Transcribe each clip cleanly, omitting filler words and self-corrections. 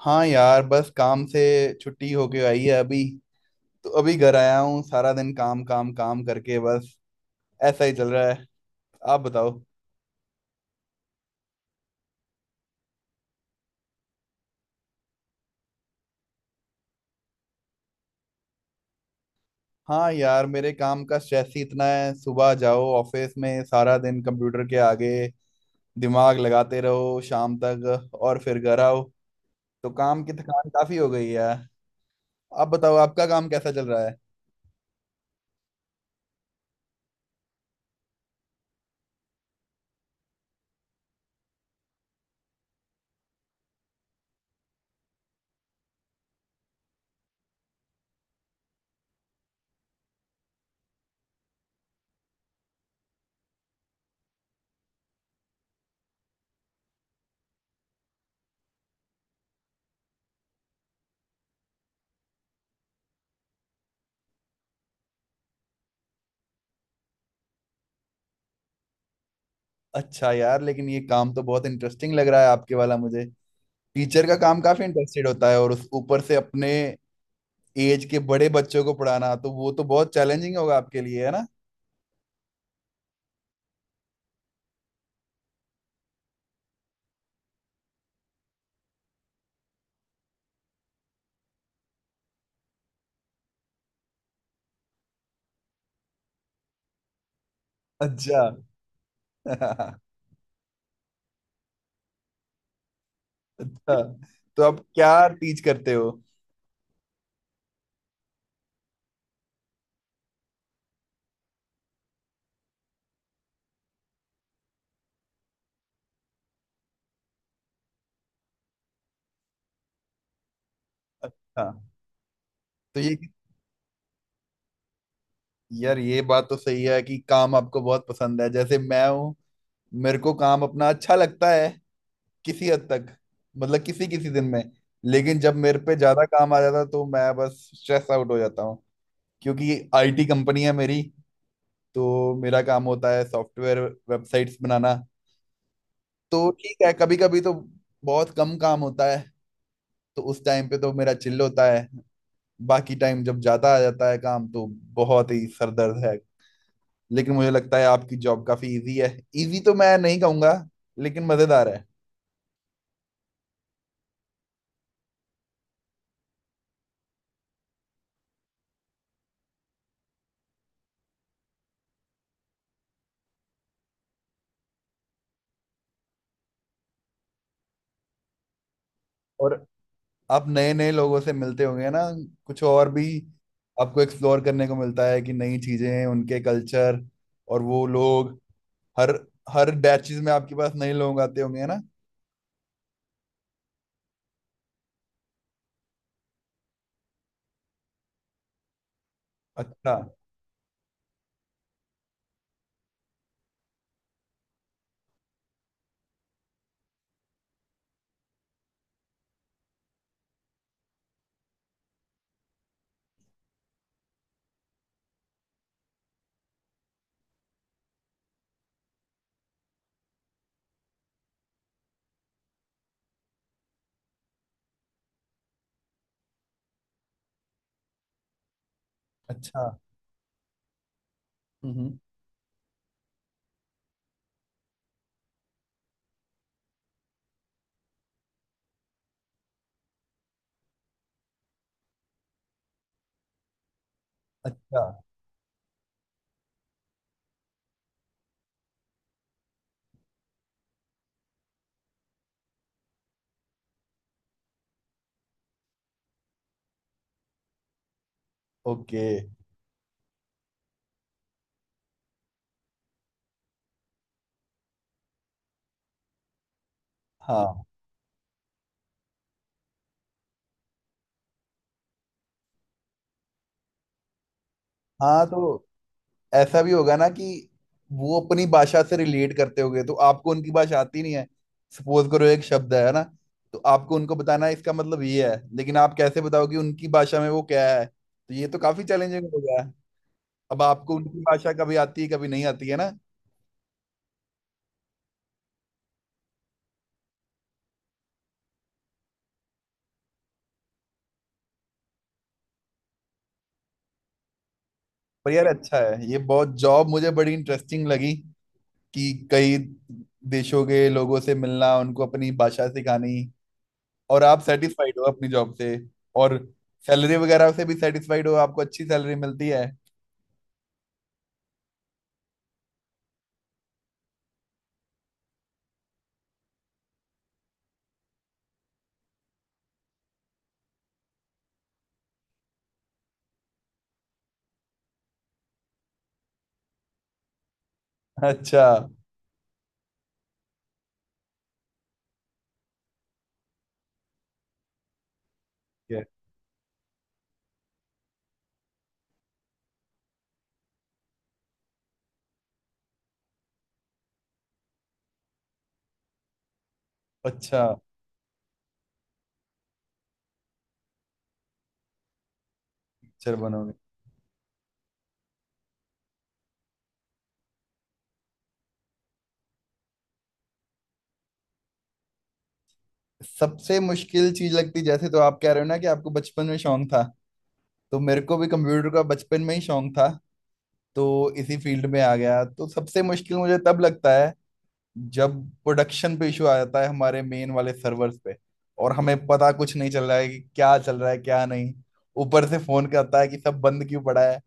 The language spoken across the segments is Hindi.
हाँ यार, बस काम से छुट्टी होके आई है अभी। तो अभी घर आया हूँ। सारा दिन काम काम काम करके बस ऐसा ही चल रहा है। आप बताओ। हाँ यार, मेरे काम का स्ट्रेस ही इतना है। सुबह जाओ ऑफिस में, सारा दिन कंप्यूटर के आगे दिमाग लगाते रहो शाम तक, और फिर घर आओ। तो काम की थकान काफी हो गई है। आप बताओ, आपका काम कैसा चल रहा है। अच्छा यार, लेकिन ये काम तो बहुत इंटरेस्टिंग लग रहा है आपके वाला मुझे। टीचर का काम काफी इंटरेस्टेड होता है, और उस ऊपर से अपने एज के बड़े बच्चों को पढ़ाना, तो वो तो बहुत चैलेंजिंग होगा आपके लिए, है ना। अच्छा। अच्छा, तो आप क्या टीच करते हो। अच्छा। तो ये यार, ये बात तो सही है कि काम आपको बहुत पसंद है। जैसे मैं हूँ, मेरे को काम अपना अच्छा लगता है, किसी हद तक। मतलब किसी किसी दिन में। लेकिन जब मेरे पे ज्यादा काम आ जाता है, तो मैं बस स्ट्रेस आउट हो जाता हूँ। क्योंकि आईटी कंपनी है मेरी, तो मेरा काम होता है सॉफ्टवेयर, वेबसाइट्स बनाना। तो ठीक है, कभी कभी तो बहुत कम काम होता है, तो उस टाइम पे तो मेरा चिल होता है। बाकी टाइम जब ज्यादा आ जाता है काम, तो बहुत ही सरदर्द है। लेकिन मुझे लगता है आपकी जॉब काफी इजी है। इजी तो मैं नहीं कहूंगा, लेकिन मजेदार है। और आप नए नए लोगों से मिलते होंगे ना, कुछ और भी। आपको एक्सप्लोर करने को मिलता है कि नई चीजें, उनके कल्चर और वो लोग। हर हर बैचेस में आपके पास नए लोग आते होंगे ना। अच्छा। अच्छा। हम्म। अच्छा। ओके। हाँ। हाँ, तो ऐसा भी होगा ना कि वो अपनी भाषा से रिलेट करते होंगे, तो आपको उनकी भाषा आती नहीं है। सपोज करो एक शब्द है ना, तो आपको उनको बताना है, इसका मतलब ये है, लेकिन आप कैसे बताओगे उनकी भाषा में वो क्या है। तो ये तो काफी चैलेंजिंग हो गया है। अब आपको उनकी भाषा कभी आती है, कभी नहीं आती है ना। पर यार अच्छा है, ये बहुत जॉब मुझे बड़ी इंटरेस्टिंग लगी, कि कई देशों के लोगों से मिलना, उनको अपनी भाषा सिखानी। और आप सेटिस्फाइड हो अपनी जॉब से। और सैलरी वगैरह से भी सेटिस्फाइड हो, आपको अच्छी सैलरी मिलती है। अच्छा। ठीक है। अच्छा। टीचर बनोगे। सबसे मुश्किल चीज लगती, जैसे तो आप कह रहे हो ना कि आपको बचपन में शौक था, तो मेरे को भी कंप्यूटर का बचपन में ही शौक था। तो इसी फील्ड में आ गया। तो सबसे मुश्किल मुझे तब लगता है जब प्रोडक्शन पे इशू आ जाता है हमारे मेन वाले सर्वर्स पे, और हमें पता कुछ नहीं चल रहा है कि क्या चल रहा है क्या नहीं। ऊपर से फोन करता है कि सब बंद क्यों पड़ा है,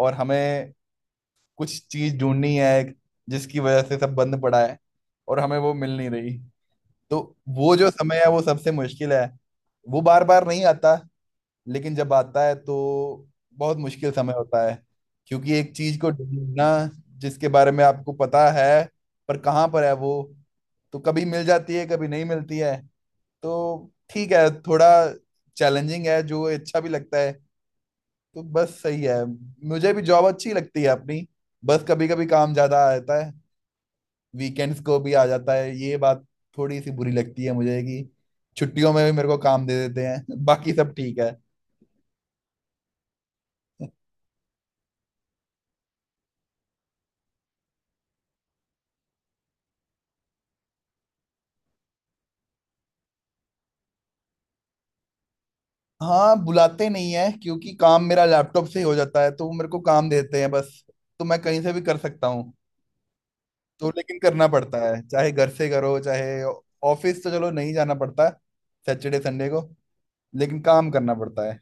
और हमें कुछ चीज ढूंढनी है जिसकी वजह से सब बंद पड़ा है, और हमें वो मिल नहीं रही। तो वो जो समय है वो सबसे मुश्किल है। वो बार बार नहीं आता, लेकिन जब आता है तो बहुत मुश्किल समय होता है। क्योंकि एक चीज को ढूंढना जिसके बारे में आपको पता है, पर कहाँ पर है वो। तो कभी मिल जाती है, कभी नहीं मिलती है। तो ठीक है, थोड़ा चैलेंजिंग है, जो अच्छा भी लगता है। तो बस सही है। मुझे भी जॉब अच्छी लगती है अपनी। बस कभी कभी काम ज्यादा आ जाता है, वीकेंड्स को भी आ जाता है। ये बात थोड़ी सी बुरी लगती है मुझे कि छुट्टियों में भी मेरे को काम दे देते हैं। बाकी सब ठीक है। हाँ, बुलाते नहीं है, क्योंकि काम मेरा लैपटॉप से ही हो जाता है, तो वो मेरे को काम देते हैं बस। तो मैं कहीं से भी कर सकता हूँ। तो लेकिन करना पड़ता है, चाहे घर से करो चाहे। ऑफिस तो चलो नहीं जाना पड़ता है सैटरडे संडे को, लेकिन काम करना पड़ता है।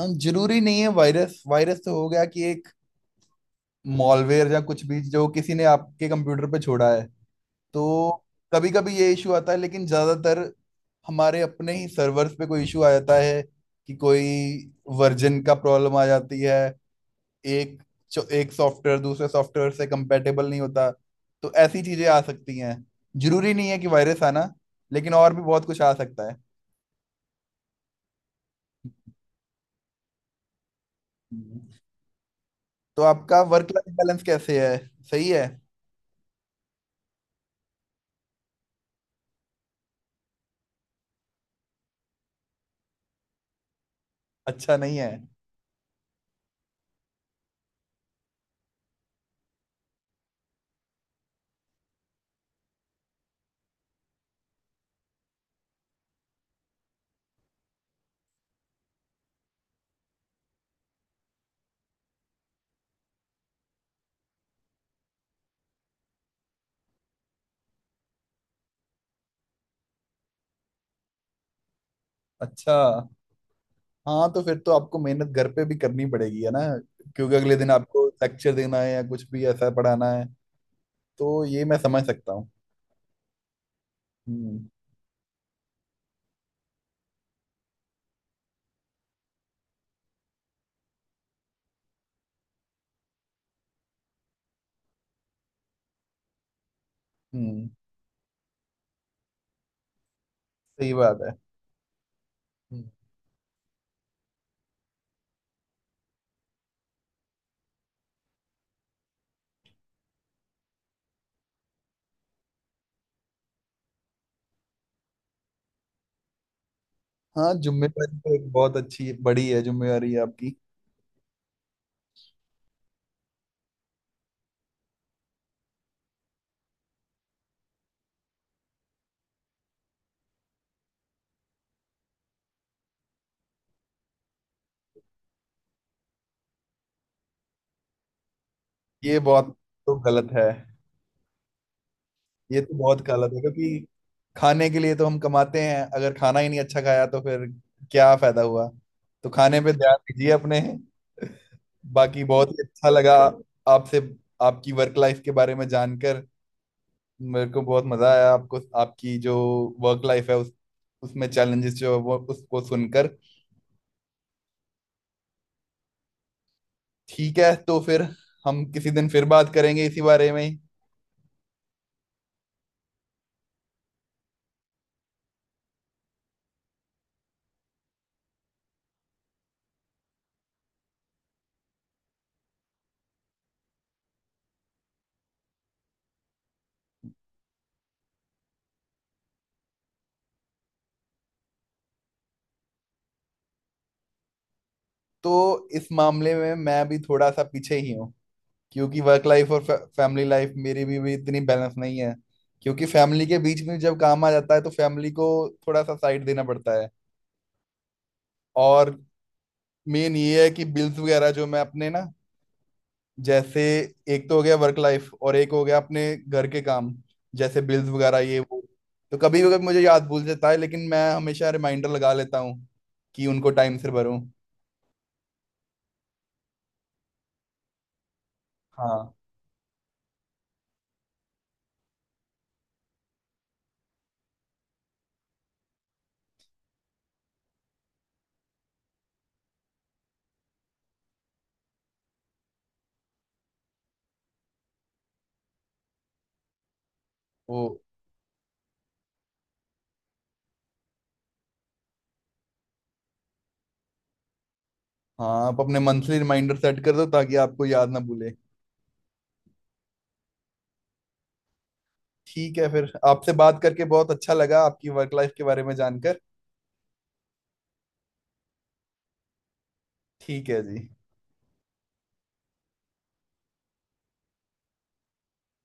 हम, जरूरी नहीं है वायरस वायरस तो हो गया, कि एक मॉलवेयर या कुछ भी जो किसी ने आपके कंप्यूटर पे छोड़ा है। तो कभी कभी ये इशू आता है, लेकिन ज्यादातर हमारे अपने ही सर्वर्स पे कोई इशू आ जाता है। कि कोई वर्जन का प्रॉब्लम आ जाती है। एक एक सॉफ्टवेयर दूसरे सॉफ्टवेयर से कंपेटेबल नहीं होता। तो ऐसी चीजें आ सकती हैं। जरूरी नहीं है कि वायरस आना, लेकिन और भी बहुत कुछ आ सकता है। हम्म। तो आपका वर्क लाइफ बैलेंस कैसे है। सही है। अच्छा नहीं है। अच्छा। हाँ तो फिर तो आपको मेहनत घर पे भी करनी पड़ेगी, है ना। क्योंकि अगले दिन आपको लेक्चर देना है या कुछ भी ऐसा पढ़ाना है। तो ये मैं समझ सकता हूँ। हम्म। हम्म। सही बात है। हम्म। हाँ, जिम्मेदारी तो एक बहुत अच्छी बड़ी है, जिम्मेदारी आपकी। ये बहुत तो गलत है। ये तो बहुत काला था, क्योंकि खाने के लिए तो हम कमाते हैं। अगर खाना ही नहीं अच्छा खाया तो फिर क्या फायदा हुआ। तो खाने पे ध्यान दीजिए अपने। बाकी बहुत ही अच्छा लगा आपसे, आपकी वर्क लाइफ के बारे में जानकर। मेरे को बहुत मजा आया। आपको, आपकी जो वर्क लाइफ है, उस उसमें चैलेंजेस जो है वो, उसको सुनकर। ठीक है तो फिर हम किसी दिन फिर बात करेंगे इसी बारे में ही। तो इस मामले में मैं भी थोड़ा सा पीछे ही हूँ। क्योंकि वर्क लाइफ और फैमिली लाइफ मेरी भी इतनी बैलेंस नहीं है। क्योंकि फैमिली के बीच में जब काम आ जाता है, तो फैमिली को थोड़ा सा साइड देना पड़ता है। और मेन ये है कि बिल्स वगैरह जो मैं अपने ना, जैसे, एक तो हो गया वर्क लाइफ और एक हो गया अपने घर के काम, जैसे बिल्स वगैरह ये वो। तो कभी कभी मुझे याद भूल जाता है, लेकिन मैं हमेशा रिमाइंडर लगा लेता हूँ कि उनको टाइम से भरूं। हाँ। वो। हाँ, आप अपने मंथली रिमाइंडर सेट कर दो ताकि आपको याद ना भूले। ठीक है, फिर आपसे बात करके बहुत अच्छा लगा, आपकी वर्क लाइफ के बारे में जानकर। ठीक है जी।